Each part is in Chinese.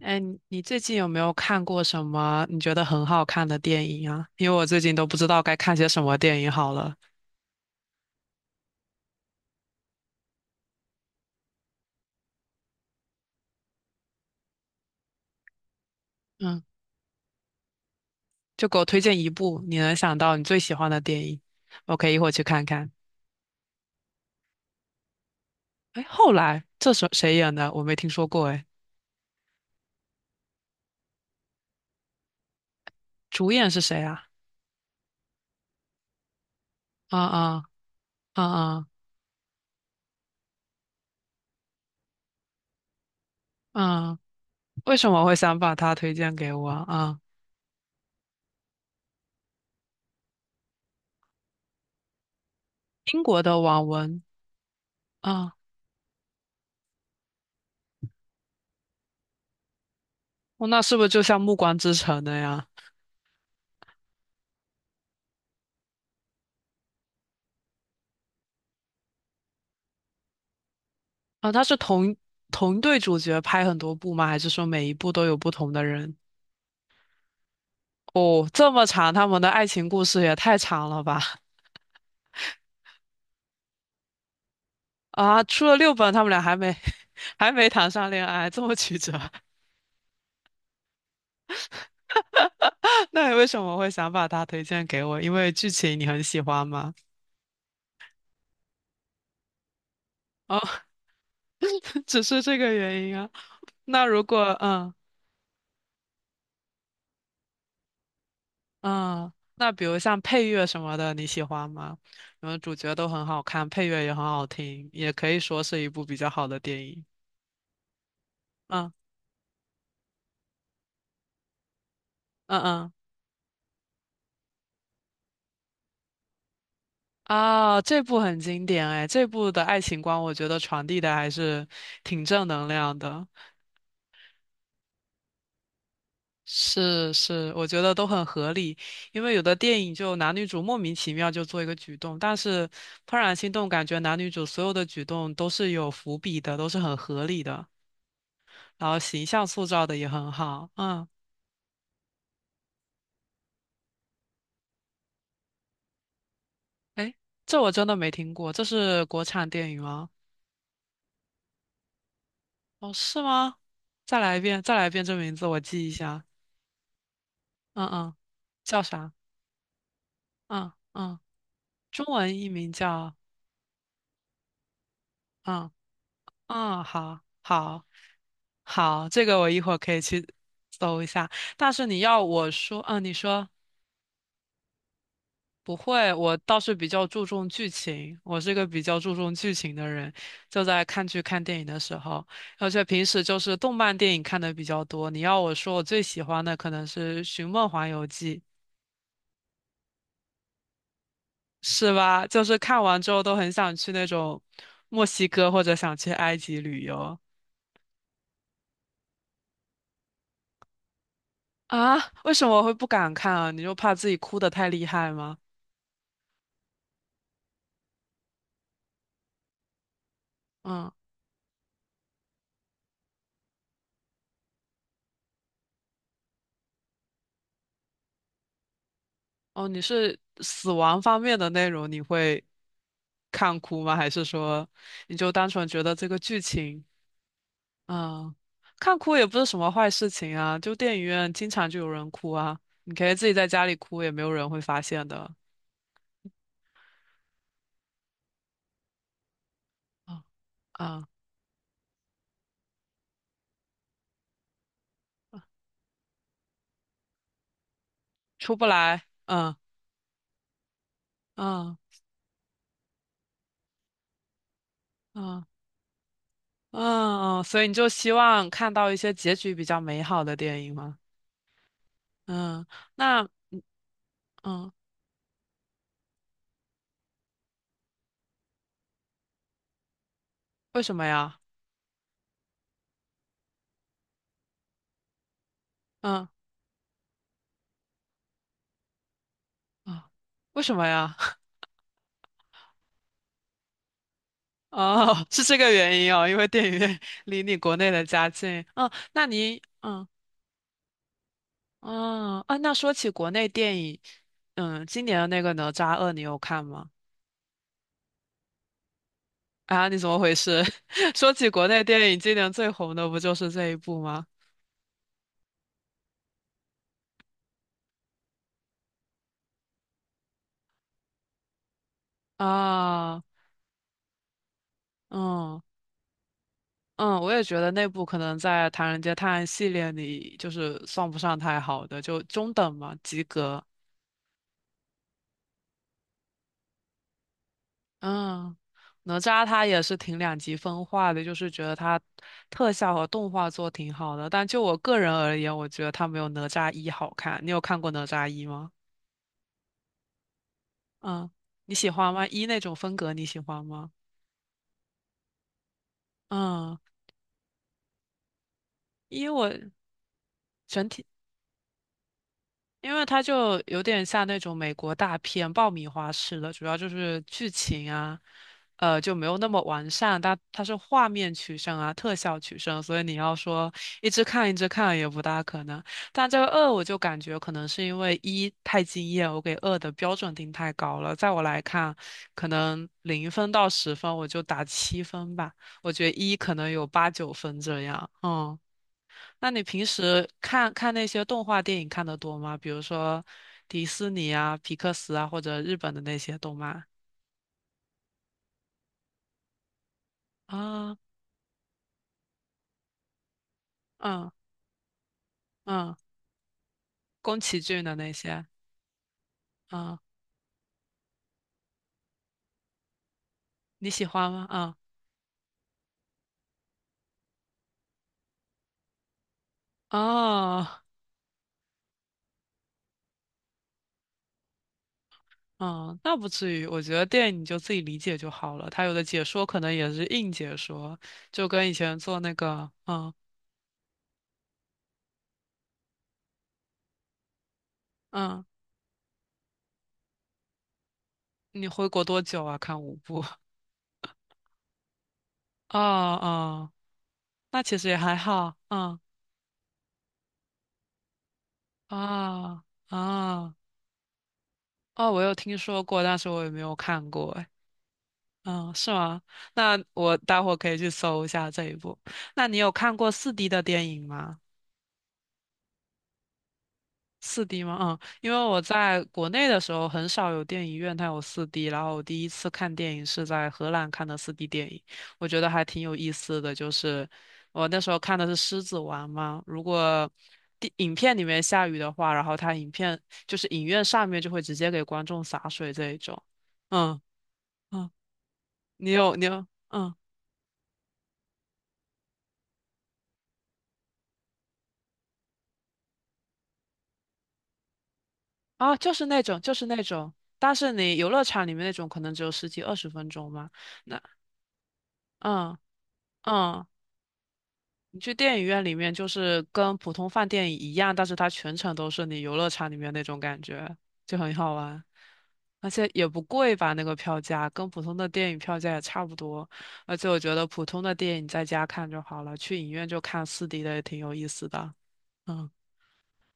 哎，你最近有没有看过什么你觉得很好看的电影啊？因为我最近都不知道该看些什么电影好了。嗯，就给我推荐一部你能想到你最喜欢的电影，我可以一会儿去看看。哎，后来这是谁演的？我没听说过。哎，主演是谁啊？啊啊啊啊啊！为什么会想把他推荐给我啊？啊，英国的网文啊，哦，那是不是就像《暮光之城》的呀？啊，他是同队主角拍很多部吗？还是说每一部都有不同的人？哦，这么长，他们的爱情故事也太长了吧？啊，出了六本，他们俩还没 还没谈上恋爱，这么曲折。那你为什么会想把它推荐给我？因为剧情你很喜欢吗？哦，只是这个原因啊。那如果嗯，那比如像配乐什么的，你喜欢吗？因为主角都很好看，配乐也很好听，也可以说是一部比较好的电影。嗯嗯嗯。啊，这部很经典哎，这部的爱情观我觉得传递的还是挺正能量的。是是，我觉得都很合理，因为有的电影就男女主莫名其妙就做一个举动，但是《怦然心动》感觉男女主所有的举动都是有伏笔的，都是很合理的，然后形象塑造的也很好。嗯，哎，这我真的没听过，这是国产电影吗？哦，是吗？再来一遍，再来一遍这名字，我记一下。嗯嗯，叫啥？嗯嗯。中文译名叫，嗯嗯，好好好，这个我一会儿可以去搜一下。但是你要我说，嗯，你说不会，我倒是比较注重剧情，我是个比较注重剧情的人，就在看剧看电影的时候，而且平时就是动漫电影看的比较多。你要我说，我最喜欢的可能是《寻梦环游记》，是吧？就是看完之后都很想去那种墨西哥或者想去埃及旅游。啊，为什么会不敢看啊？你就怕自己哭得太厉害吗？嗯，哦，你是死亡方面的内容，你会看哭吗？还是说你就单纯觉得这个剧情，嗯，看哭也不是什么坏事情啊，就电影院经常就有人哭啊，你可以自己在家里哭，也没有人会发现的。啊啊，出不来，嗯嗯嗯嗯，所以你就希望看到一些结局比较美好的电影吗？嗯，那。嗯，为什么呀？嗯啊，为什么呀？哦，是这个原因哦，因为电影院 离你国内的家近。嗯，那你嗯啊，那说起国内电影，嗯，今年的那个《哪吒二》你有看吗？啊，你怎么回事？说起国内电影，今年最红的不就是这一部吗？啊，嗯嗯，我也觉得那部可能在《唐人街探案》系列里就是算不上太好的，就中等嘛，及格。嗯，哪吒他也是挺两极分化的，就是觉得他特效和动画做挺好的，但就我个人而言，我觉得他没有哪吒一好看。你有看过哪吒一吗？嗯，你喜欢吗？一那种风格你喜欢吗？嗯，一我整体。因为它就有点像那种美国大片爆米花式的，主要就是剧情啊，呃，就没有那么完善，但它是画面取胜啊，特效取胜，所以你要说一直看一直看也不大可能。但这个二我就感觉可能是因为一太惊艳，我给二的标准定太高了，在我来看，可能零分到十分我就打七分吧，我觉得一可能有八九分这样，嗯。那你平时看看那些动画电影看的多吗？比如说迪士尼啊、皮克斯啊，或者日本的那些动漫啊，嗯嗯，宫崎骏的那些，嗯，你喜欢吗？嗯啊嗯，那不至于，我觉得电影你就自己理解就好了。它有的解说可能也是硬解说，就跟以前做那个，嗯嗯，你回国多久啊？看五部，哦哦，那其实也还好，嗯啊啊。哦，我有听说过，但是我也没有看过。哎，嗯，是吗？那我待会儿可以去搜一下这一部。那你有看过四 d 的电影吗四 d 吗？嗯，因为我在国内的时候很少有电影院它有四 d 然后我第一次看电影是在荷兰看的四 d 电影，我觉得还挺有意思的。就是我那时候看的是《狮子王》嘛，如果电影片里面下雨的话，然后它影片就是影院上面就会直接给观众洒水这一种。嗯嗯。你有，嗯啊，就是那种，但是你游乐场里面那种可能只有十几二十分钟嘛。那嗯嗯，你去电影院里面就是跟普通饭店一样，但是它全程都是你游乐场里面那种感觉，就很好玩，而且也不贵吧，那个票价跟普通的电影票价也差不多。而且我觉得普通的电影在家看就好了，去影院就看四 d 的也挺有意思的。嗯，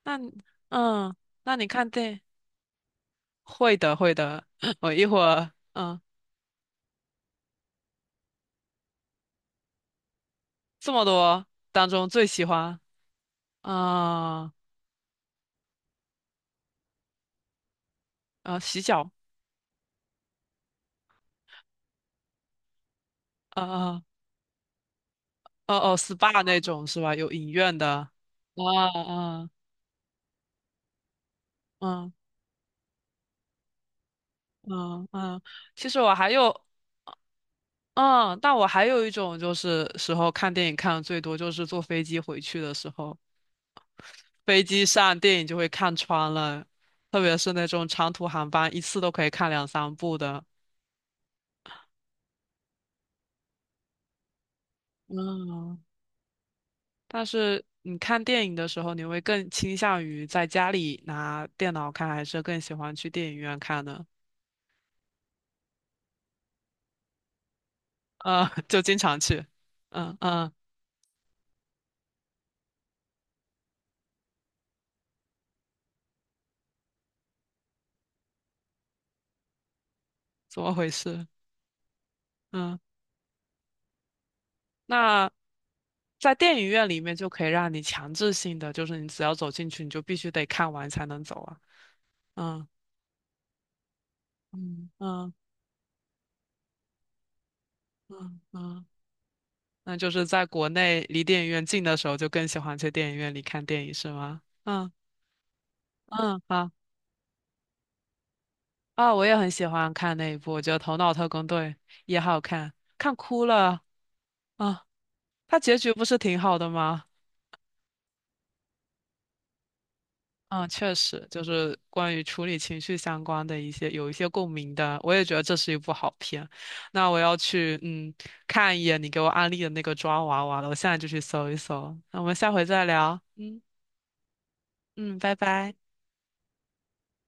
那你嗯，那你看电。会的，会的。我一会儿，嗯，这么多当中最喜欢，啊啊，洗脚，啊啊哦哦，SPA 那种是吧？有影院的，啊啊嗯嗯嗯。其实我还有，嗯，但我还有一种就是时候看电影看的最多，就是坐飞机回去的时候，飞机上电影就会看穿了，特别是那种长途航班，一次都可以看两三部的。嗯但是你看电影的时候，你会更倾向于在家里拿电脑看，还是更喜欢去电影院看呢？呃，就经常去。嗯嗯，怎么回事？嗯，那在电影院里面就可以让你强制性的，就是你只要走进去，你就必须得看完才能走啊。嗯嗯嗯嗯嗯，那就是在国内离电影院近的时候，就更喜欢去电影院里看电影，是吗？嗯嗯，好。啊、我也很喜欢看那一部，我觉得《头脑特工队》也好看，看哭了啊。它结局不是挺好的吗？嗯，确实，就是关于处理情绪相关的一些有一些共鸣的，我也觉得这是一部好片。那我要去嗯看一眼你给我安利的那个抓娃娃了，我现在就去搜一搜。那我们下回再聊，嗯嗯，拜拜。